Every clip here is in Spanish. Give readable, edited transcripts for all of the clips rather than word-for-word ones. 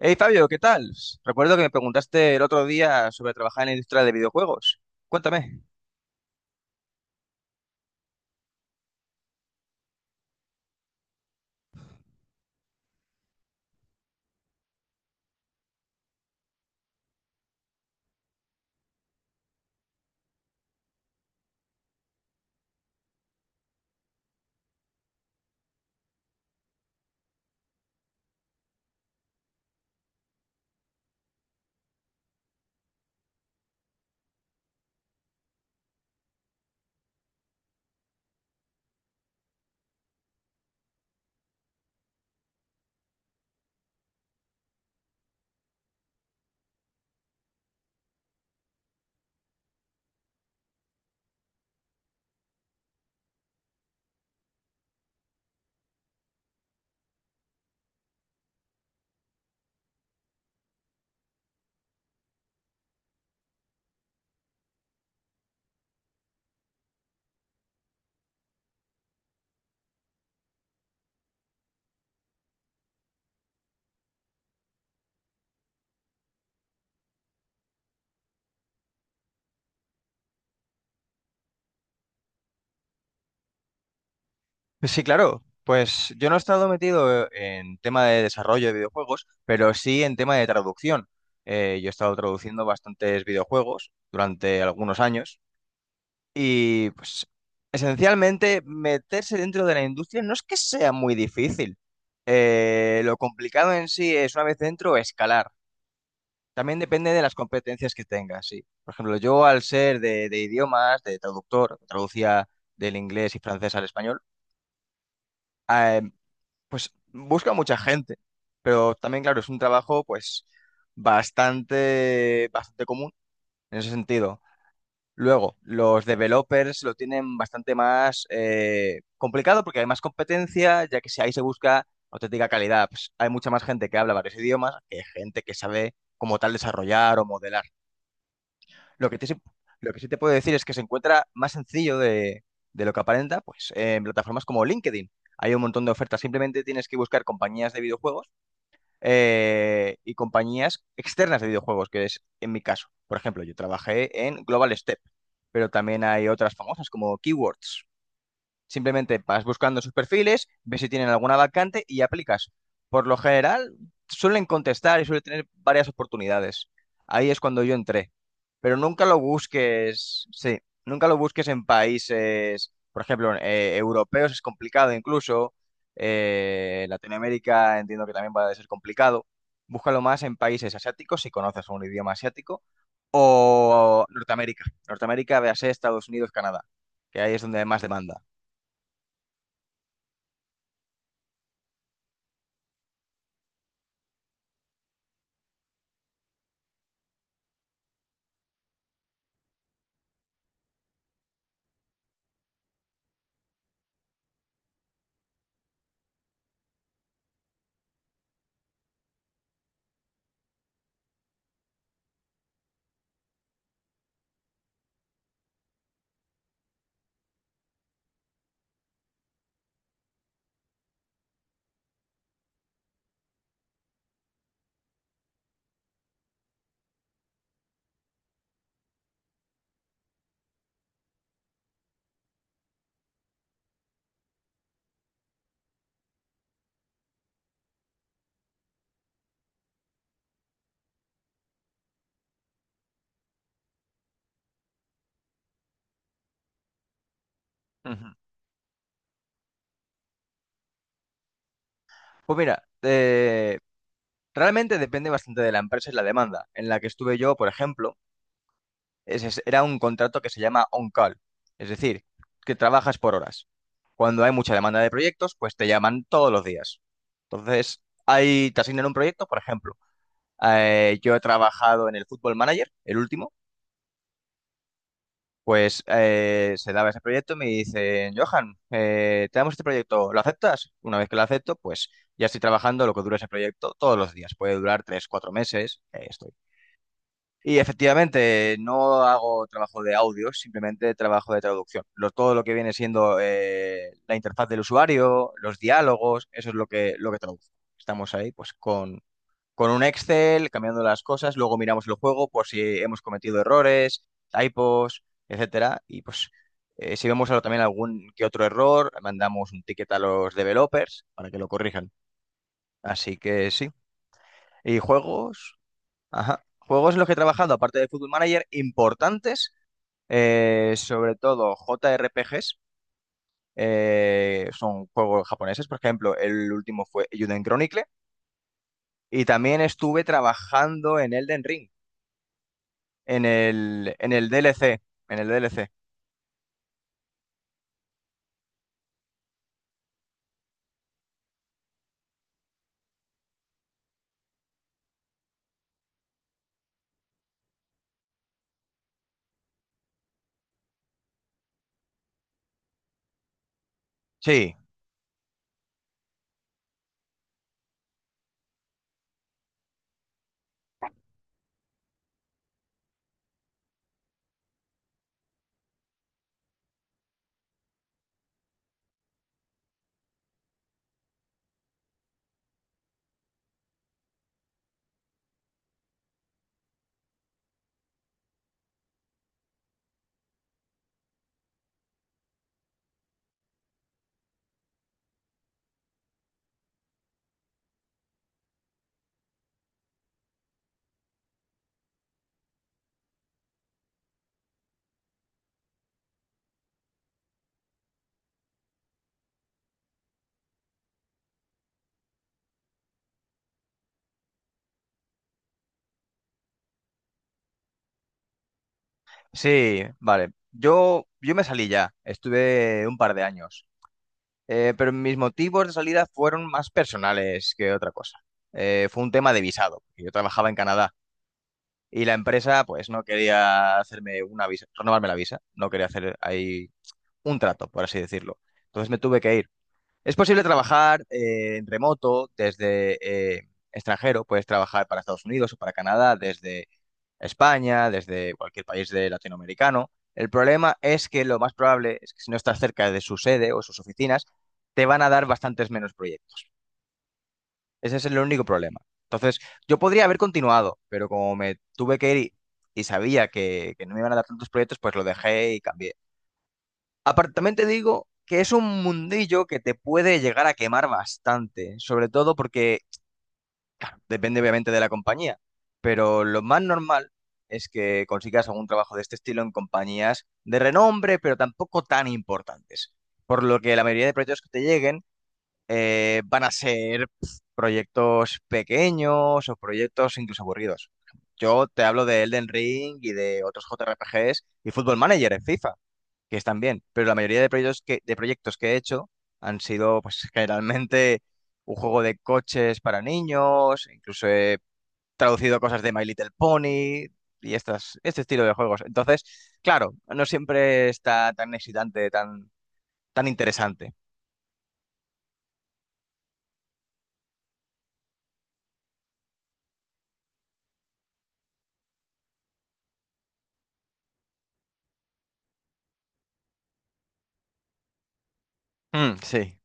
Hey Fabio, ¿qué tal? Recuerdo que me preguntaste el otro día sobre trabajar en la industria de videojuegos. Cuéntame. Sí, claro. Pues yo no he estado metido en tema de desarrollo de videojuegos, pero sí en tema de traducción. Yo he estado traduciendo bastantes videojuegos durante algunos años y pues esencialmente meterse dentro de la industria no es que sea muy difícil. Lo complicado en sí es, una vez dentro, escalar. También depende de las competencias que tengas, sí. Por ejemplo, yo al ser de idiomas, de traductor, traducía del inglés y francés al español, eh, pues busca mucha gente. Pero también, claro, es un trabajo pues bastante común en ese sentido. Luego, los developers lo tienen bastante más complicado, porque hay más competencia, ya que si ahí se busca auténtica calidad, pues hay mucha más gente que habla varios idiomas que gente que sabe como tal desarrollar o modelar. Lo que, te, sí- lo que sí te puedo decir es que se encuentra más sencillo de lo que aparenta, pues en plataformas como LinkedIn. Hay un montón de ofertas. Simplemente tienes que buscar compañías de videojuegos y compañías externas de videojuegos, que es en mi caso. Por ejemplo, yo trabajé en Global Step, pero también hay otras famosas como Keywords. Simplemente vas buscando sus perfiles, ves si tienen alguna vacante y aplicas. Por lo general, suelen contestar y suelen tener varias oportunidades. Ahí es cuando yo entré. Pero nunca lo busques, sí, nunca lo busques en países, por ejemplo, europeos es complicado incluso, Latinoamérica entiendo que también va a ser complicado. Búscalo más en países asiáticos, si conoces un idioma asiático, o Norteamérica. Norteamérica, véase Estados Unidos, Canadá, que ahí es donde hay más demanda. Ujú. Pues mira, realmente depende bastante de la empresa y la demanda. En la que estuve yo, por ejemplo, era un contrato que se llama on-call, es decir, que trabajas por horas. Cuando hay mucha demanda de proyectos, pues te llaman todos los días. Entonces, ahí te asignan un proyecto. Por ejemplo, yo he trabajado en el Football Manager, el último, pues se daba ese proyecto y me dicen, Johan, te damos este proyecto, ¿lo aceptas? Una vez que lo acepto, pues ya estoy trabajando lo que dura ese proyecto todos los días. Puede durar tres, cuatro meses, esto. Y efectivamente, no hago trabajo de audio, simplemente trabajo de traducción. Todo lo que viene siendo la interfaz del usuario, los diálogos, eso es lo que traduzco. Estamos ahí pues con un Excel, cambiando las cosas, luego miramos el juego por si hemos cometido errores, typos, etcétera. Y pues si vemos también algún que otro error, mandamos un ticket a los developers para que lo corrijan. Así que sí. ¿Y juegos? Ajá. Juegos en los que he trabajado, aparte de Football Manager, importantes, sobre todo JRPGs, son juegos japoneses. Por ejemplo, el último fue Juden Chronicle, y también estuve trabajando en Elden Ring, en el DLC, en el DLC. Sí, sí, vale. Yo me salí ya, estuve un par de años. Pero mis motivos de salida fueron más personales que otra cosa. Fue un tema de visado, porque yo trabajaba en Canadá. Y la empresa, pues, no quería hacerme una visa, renovarme la visa. No quería hacer ahí un trato, por así decirlo. Entonces me tuve que ir. Es posible trabajar en remoto desde extranjero. Puedes trabajar para Estados Unidos o para Canadá desde España, desde cualquier país de latinoamericano. El problema es que lo más probable es que si no estás cerca de su sede o sus oficinas, te van a dar bastantes menos proyectos. Ese es el único problema. Entonces, yo podría haber continuado, pero como me tuve que ir y sabía que no me iban a dar tantos proyectos, pues lo dejé y cambié. Aparte, también te digo que es un mundillo que te puede llegar a quemar bastante, sobre todo porque depende obviamente de la compañía, pero lo más normal es que consigas algún trabajo de este estilo en compañías de renombre, pero tampoco tan importantes. Por lo que la mayoría de proyectos que te lleguen van a ser pf, proyectos pequeños o proyectos incluso aburridos. Yo te hablo de Elden Ring y de otros JRPGs y Football Manager en FIFA, que están bien, pero la mayoría de proyectos que he hecho han sido pues generalmente un juego de coches para niños. Incluso he traducido cosas de My Little Pony y estas, este estilo de juegos. Entonces, claro, no siempre está tan excitante, tan, tan interesante. Mm, sí.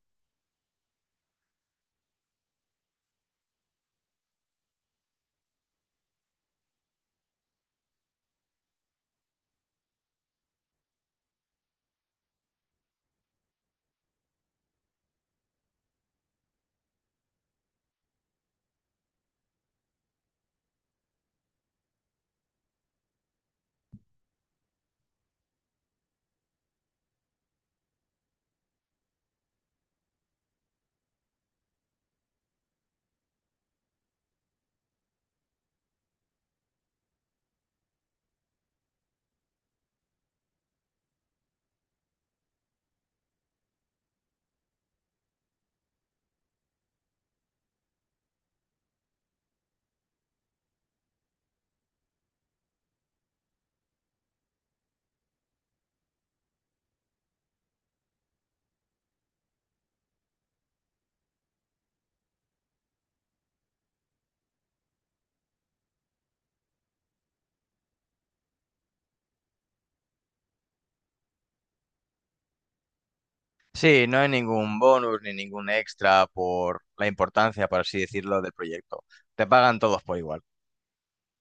Sí, no hay ningún bonus ni ningún extra por la importancia, por así decirlo, del proyecto. Te pagan todos por igual.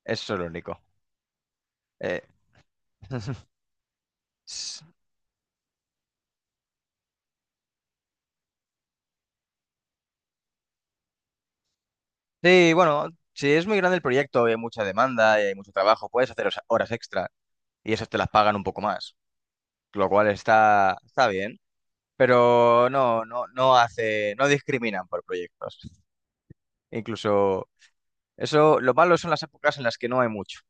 Eso es lo único. Eh, s- Sí, bueno, si es muy grande el proyecto y hay mucha demanda y hay mucho trabajo, puedes hacer horas extra y esas te las pagan un poco más, lo cual está, está bien, pero no, no, no hace, no discriminan por proyectos. Incluso eso, lo malo son las épocas en las que no hay mucho.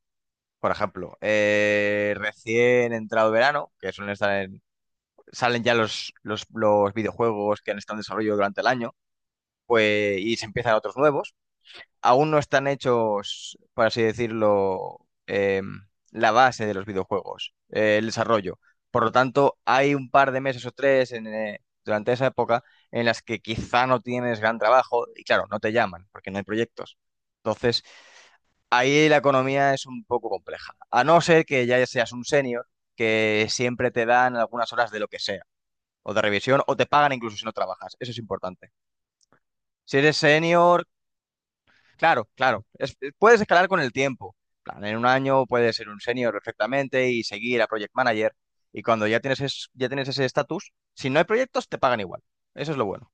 Por ejemplo, recién entrado verano, que suelen estar en salen ya los videojuegos que han estado en desarrollo durante el año, pues, y se empiezan otros nuevos. Aún no están hechos, por así decirlo, la base de los videojuegos, el desarrollo. Por lo tanto, hay un par de meses o tres en, durante esa época en las que quizá no tienes gran trabajo y claro, no te llaman porque no hay proyectos. Entonces, ahí la economía es un poco compleja. A no ser que ya seas un senior, que siempre te dan algunas horas de lo que sea o de revisión o te pagan incluso si no trabajas. Eso es importante. Si eres senior, claro, claro, puedes escalar con el tiempo. En plan, en un año puedes ser un senior perfectamente y seguir a project manager. Y cuando ya tienes, ya tienes ese estatus, si no hay proyectos, te pagan igual. Eso es lo bueno.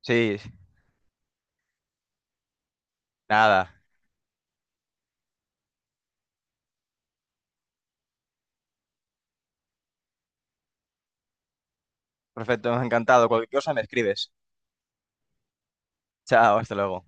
Sí, nada. Perfecto, encantado. Cualquier cosa me escribes. Chao, hasta luego.